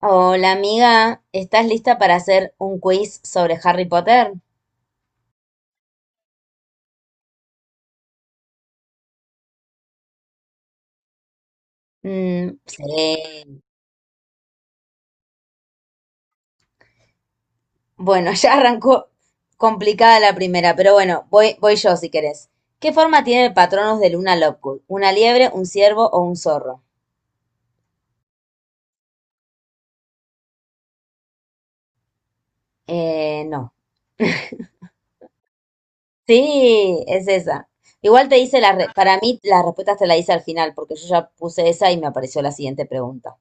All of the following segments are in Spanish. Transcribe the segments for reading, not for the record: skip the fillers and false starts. Hola amiga, ¿estás lista para hacer un quiz sobre Harry Potter? Mm, sí. Bueno, ya arrancó complicada la primera, pero bueno, voy yo si querés. ¿Qué forma tiene el Patronus de Luna Lovegood? ¿Una liebre, un ciervo o un zorro? No. Sí, es esa. Igual te hice para mí las respuestas te la hice al final, porque yo ya puse esa y me apareció la siguiente pregunta.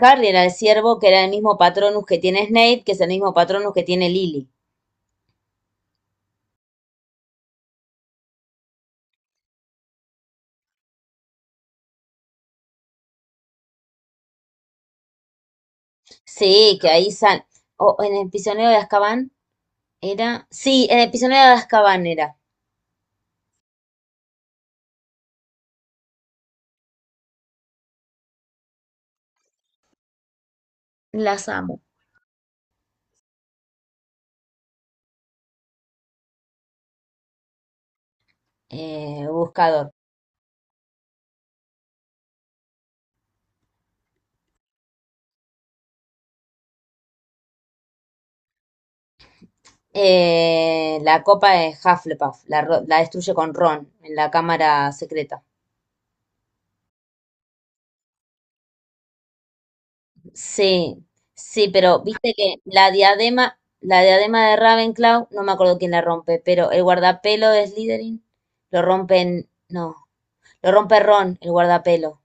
Harry era el ciervo, que era el mismo Patronus que tiene Snape, que es el mismo Patronus que tiene Lily. Sí, que ahí sal. O en el prisionero de Azkaban era. Sí, en el prisionero de Azkaban era. Las amo. Buscador. La copa de Hufflepuff. La destruye con Ron en la cámara secreta. Sí, sí, pero viste que la diadema de Ravenclaw, no me acuerdo quién la rompe, pero el guardapelo de Slytherin lo rompen. No, lo rompe Ron, el guardapelo.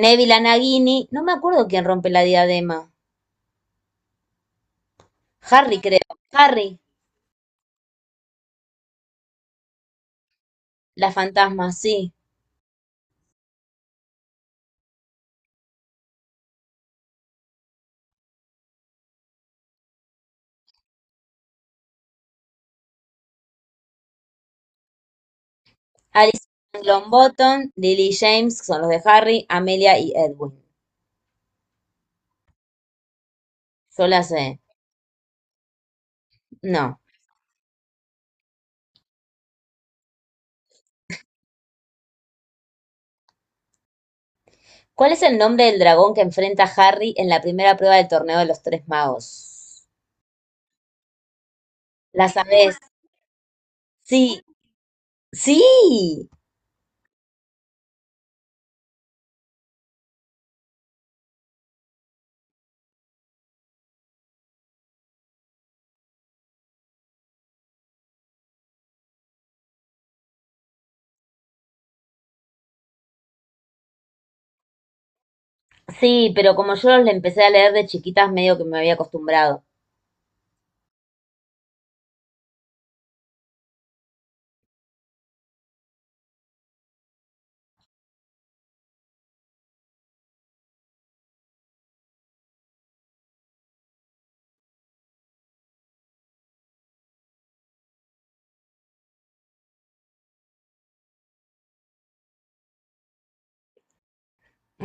Neville a Nagini, no me acuerdo quién rompe la diadema. Harry creo, Harry, las fantasmas, sí, Alice Longbottom, Lily James, que son los de Harry, Amelia y Edwin. Yo las sé. No. ¿Cuál es el nombre del dragón que enfrenta a Harry en la primera prueba del torneo de los tres magos? ¿La sabés? Sí, sí, sí, pero como yo los empecé a leer de chiquitas, medio que me había acostumbrado.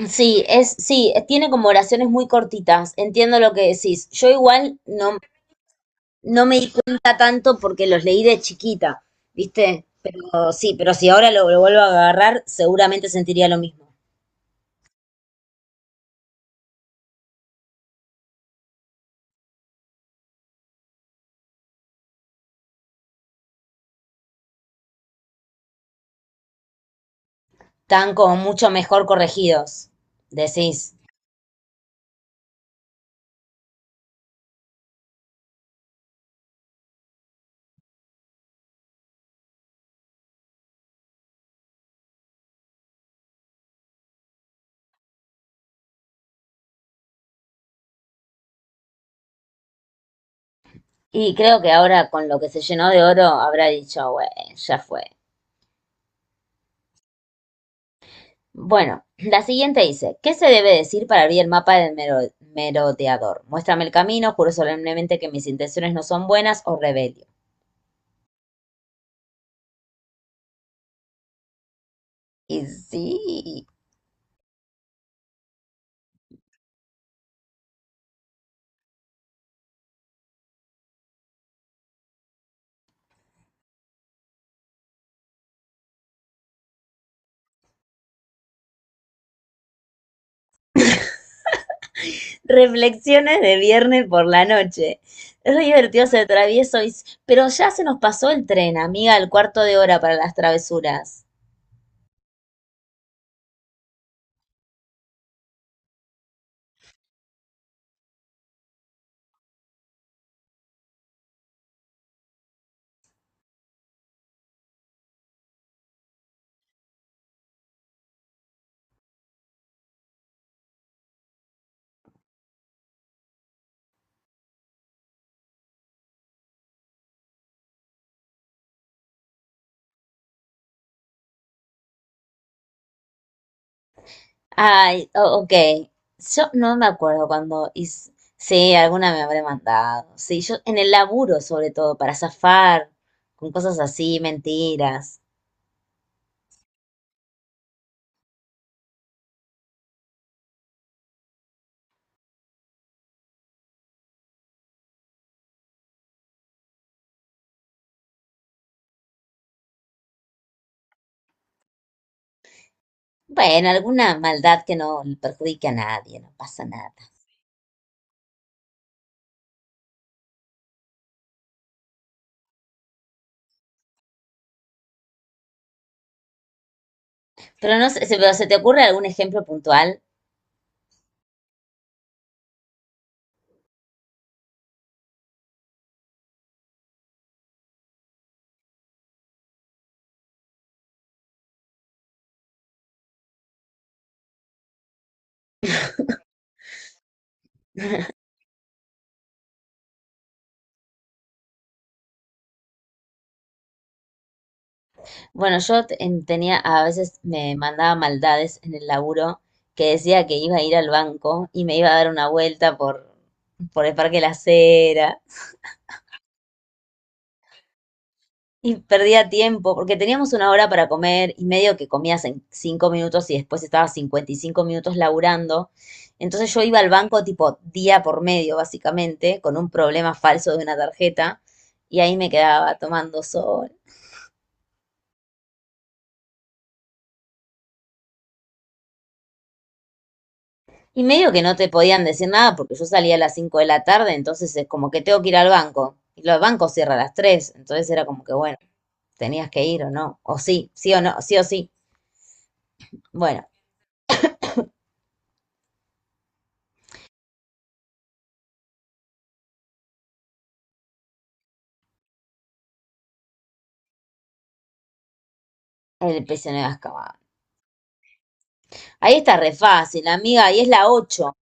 Sí, sí, tiene como oraciones muy cortitas, entiendo lo que decís. Yo igual no, no me di cuenta tanto porque los leí de chiquita, ¿viste? Pero sí, pero si ahora lo vuelvo a agarrar, seguramente sentiría lo mismo. Están como mucho mejor corregidos, decís. Y creo que ahora con lo que se llenó de oro habrá dicho, güey, ya fue. Bueno, la siguiente dice, ¿qué se debe decir para abrir el mapa del merodeador? Muéstrame el camino, juro solemnemente que mis intenciones no son buenas o rebelio. Y sí. Reflexiones de viernes por la noche. Es re divertido ser travieso, y- pero ya se nos pasó el tren, amiga, el cuarto de hora para las travesuras. Ay, ok. Yo no me acuerdo cuando... hice- Sí, alguna me habré mandado. Sí, yo en el laburo sobre todo, para zafar, con cosas así, mentiras. Bueno, alguna maldad que no perjudique a nadie, no pasa nada. Pero no sé, pero ¿se te ocurre algún ejemplo puntual? Bueno, tenía, a veces me mandaba maldades en el laburo que decía que iba a ir al banco y me iba a dar una vuelta por el Parque La Cera y perdía tiempo porque teníamos una hora para comer y medio que comías en 5 minutos y después estaba 5 minutos laburando. Entonces yo iba al banco tipo día por medio, básicamente, con un problema falso de una tarjeta y ahí me quedaba tomando sol. Y medio que no te podían decir nada porque yo salía a las 5 de la tarde, entonces es como que tengo que ir al banco. Y los bancos cierran a las 3 entonces era como que, bueno, tenías que ir o no. O sí, sí o no, sí o sí. Bueno, el prisionero de Azkaban. Ahí está re fácil, amiga, ahí es la 8.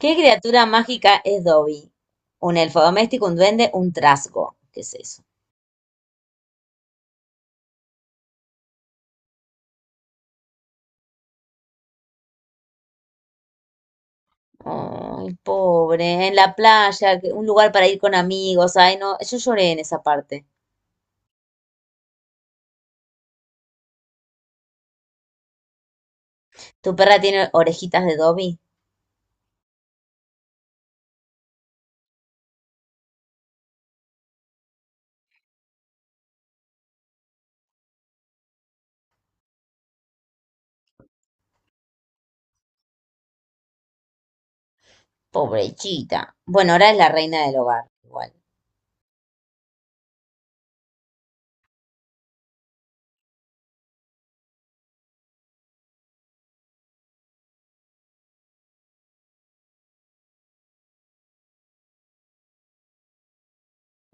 ¿Qué criatura mágica es Dobby? Un elfo doméstico, un duende, un trasgo. ¿Qué es eso? Ay, pobre, en la playa, que- un lugar para ir con amigos. Ay, no, yo lloré en esa parte. ¿Tu perra tiene orejitas de Dobby? Pobrecita. Bueno, ahora es la reina del hogar, igual.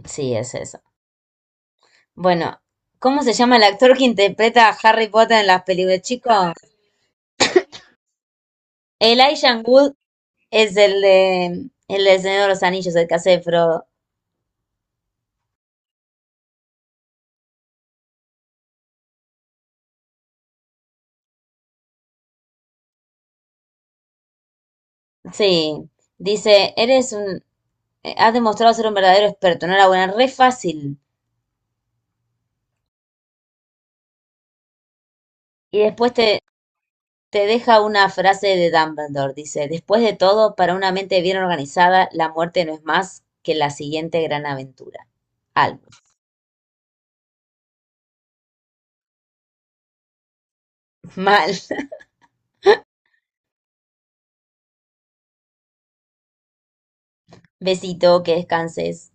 Sí, es eso. Bueno, ¿cómo se llama el actor que interpreta a Harry Potter en las películas, chicos? Elijah Wood es el de el del Señor de los Anillos, el que hace de Frodo. Sí. Dice, eres un, has demostrado ser un verdadero experto, no buena, re fácil. Y después te, te deja una frase de Dumbledore, dice, después de todo, para una mente bien organizada, la muerte no es más que la siguiente gran aventura. Algo. Mal. Besito, que descanses.